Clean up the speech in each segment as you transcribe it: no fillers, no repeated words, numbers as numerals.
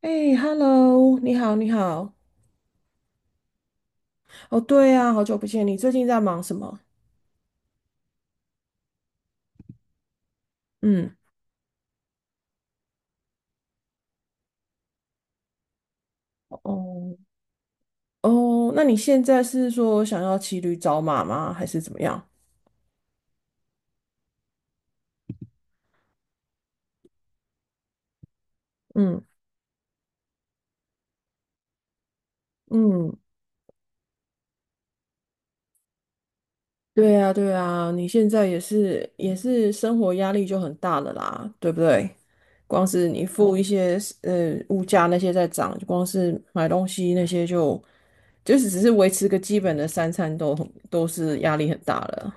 哎，Hello，你好，你好。哦，对啊，好久不见，你最近在忙什么？嗯，哦，哦，那你现在是说想要骑驴找马吗？还是怎么样？嗯嗯，对啊，对啊，你现在也是生活压力就很大了啦，对不对？光是你付一些物价那些在涨，光是买东西那些就是只是维持个基本的三餐都是压力很大了。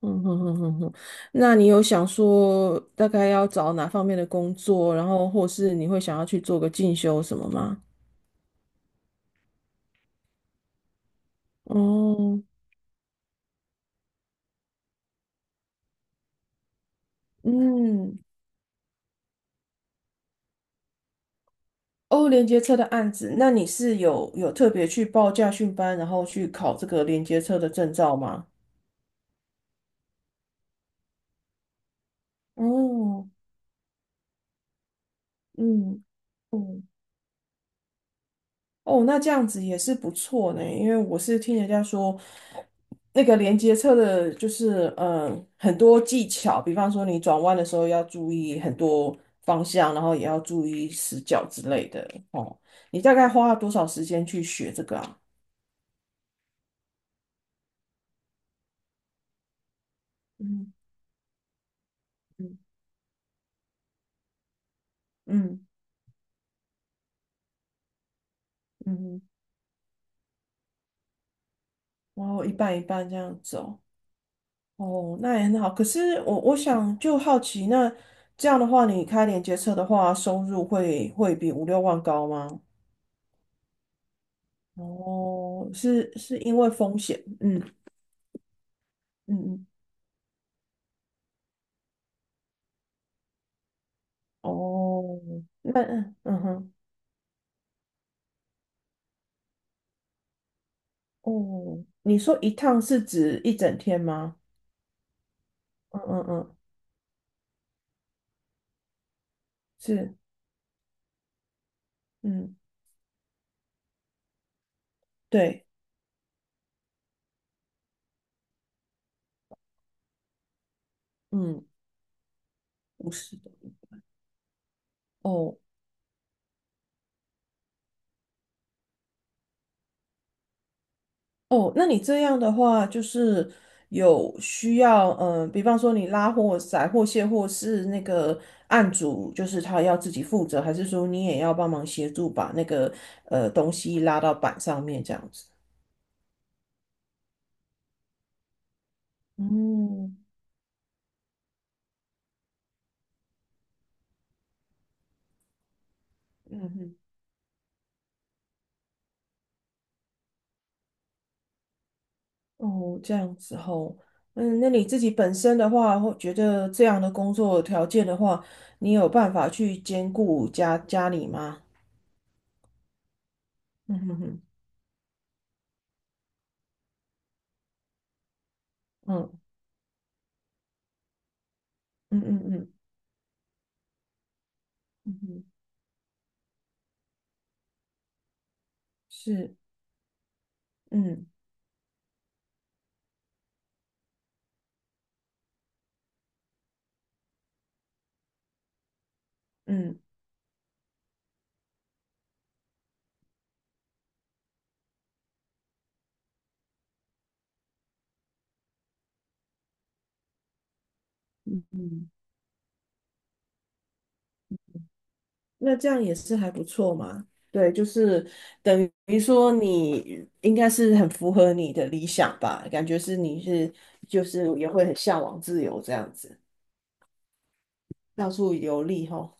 嗯哼哼哼哼，那你有想说大概要找哪方面的工作，然后或是你会想要去做个进修什么吗？哦，嗯，哦，连接车的案子，那你是有特别去报驾训班，然后去考这个连接车的证照吗？哦，嗯。嗯哦，那这样子也是不错呢，因为我是听人家说，那个连接车的，就是很多技巧，比方说你转弯的时候要注意很多方向，然后也要注意死角之类的。哦，你大概花了多少时间去学这个啊？嗯嗯嗯嗯，然后一半一半这样走。哦。哦，那也很好。可是我想就好奇，那这样的话，你开连接车的话，收入会比五六万高吗？哦，是因为风险，嗯嗯嗯，哦，那嗯哼，哦，你说一趟是指一整天吗？嗯嗯嗯，是，嗯，对，嗯，不是的，哦哦，那你这样的话，就是有需要，比方说你拉货、载货、卸货是那个案主，就是他要自己负责，还是说你也要帮忙协助把那个东西拉到板上面这样子？嗯嗯哼。哦，这样子吼，嗯，那你自己本身的话，会觉得这样的工作条件的话，你有办法去兼顾家家里吗？嗯哼哼，嗯嗯嗯嗯嗯哼，是，嗯嗯，那这样也是还不错嘛。对，就是等于说你应该是很符合你的理想吧，感觉是你是就是也会很向往自由这样子，到处游历吼。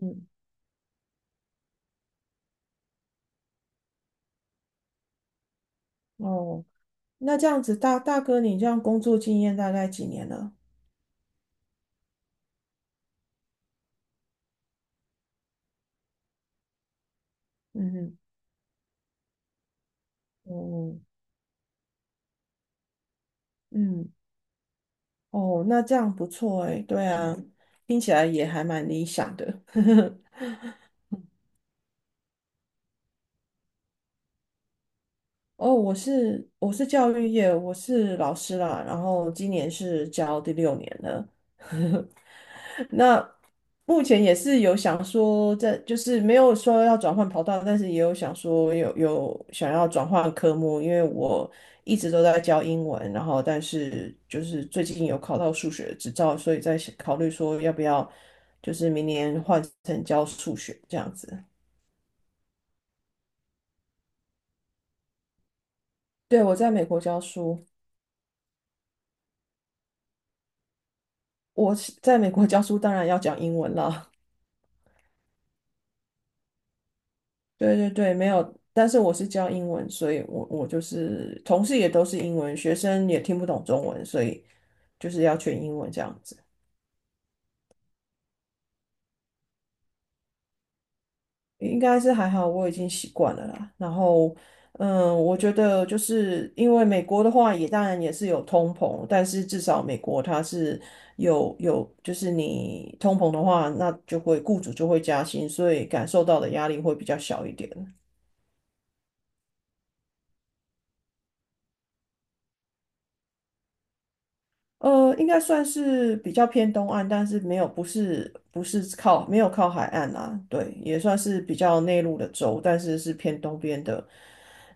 嗯，哦。那这样子，大哥，你这样工作经验大概几年了？嗯嗯，哦嗯，哦，那这样不错哎，对啊，听起来也还蛮理想的。哦，我是教育业，我是老师啦，然后今年是教第六年了。那目前也是有想说在，就是没有说要转换跑道，但是也有想说有想要转换科目，因为我一直都在教英文，然后但是就是最近有考到数学执照，所以在想考虑说要不要就是明年换成教数学这样子。对，我在美国教书。我是在美国教书，当然要讲英文啦。对对对，没有，但是我是教英文，所以我就是同事也都是英文，学生也听不懂中文，所以就是要全英文这样子。应该是还好，我已经习惯了啦。然后，我觉得就是因为美国的话，也当然也是有通膨，但是至少美国它是有，就是你通膨的话，那雇主就会加薪，所以感受到的压力会比较小一点。应该算是比较偏东岸，但是没有，不是靠没有靠海岸啦，对，也算是比较内陆的州，但是是偏东边的。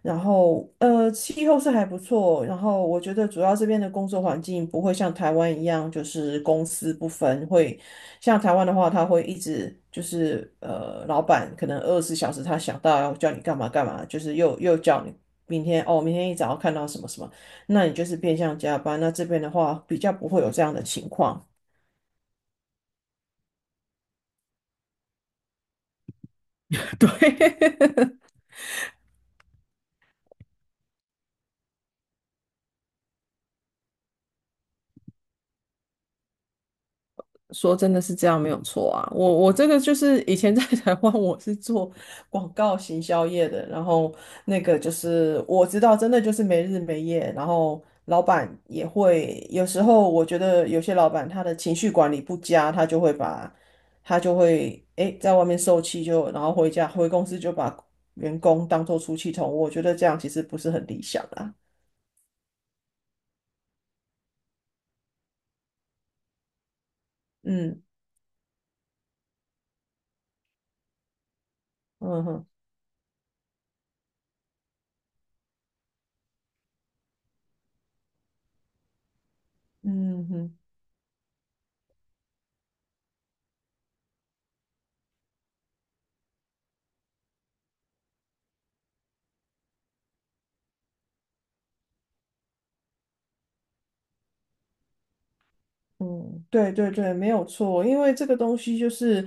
然后气候是还不错，然后我觉得主要这边的工作环境不会像台湾一样，就是公私不分，会像台湾的话，他会一直就是老板可能24小时他想到要叫你干嘛干嘛，就是又叫你明天哦，明天一早要看到什么什么。那你就是变相加班。那这边的话，比较不会有这样的情况。对，说真的是这样没有错啊。我这个就是以前在台湾我是做广告行销业的，然后那个就是我知道，真的就是没日没夜，然后老板也会有时候，我觉得有些老板他的情绪管理不佳，他就会在外面受气就，然后回公司就把员工当做出气筒，我觉得这样其实不是很理想啦。嗯。嗯哼，嗯哼，嗯，对对对，没有错，因为这个东西就是，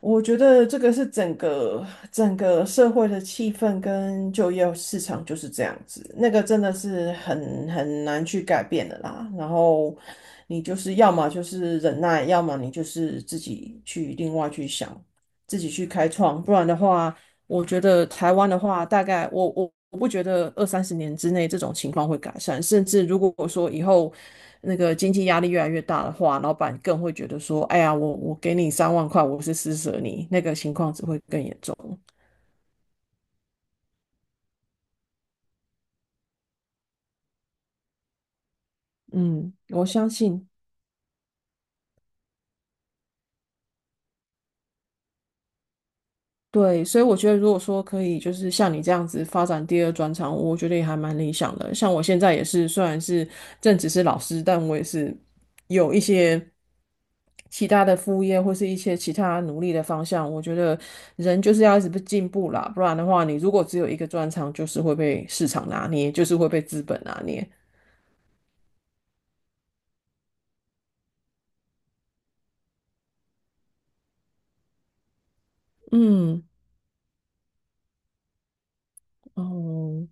我觉得这个是整个社会的气氛跟就业市场就是这样子，那个真的是很难去改变的啦。然后你就是要么就是忍耐，要么你就是自己去另外去想自己去开创，不然的话，我觉得台湾的话，大概我不觉得二三十年之内这种情况会改善，甚至如果说以后那个经济压力越来越大的话，老板更会觉得说，哎呀，我给你3万块，我是施舍你，那个情况只会更严重。嗯，我相信。对，所以我觉得，如果说可以，就是像你这样子发展第二专长，我觉得也还蛮理想的。像我现在也是，虽然是正职是老师，但我也是有一些其他的副业或是一些其他努力的方向。我觉得人就是要一直不进步啦，不然的话，你如果只有一个专长，就是会被市场拿捏，就是会被资本拿捏。嗯，哦，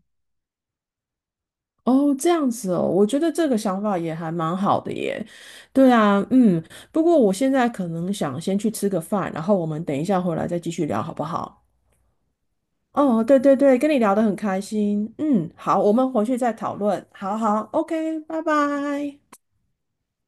哦，这样子哦，我觉得这个想法也还蛮好的耶。对啊，不过我现在可能想先去吃个饭，然后我们等一下回来再继续聊，好不好？哦，对对对，跟你聊得很开心。嗯，好，我们回去再讨论。好好，OK，拜拜。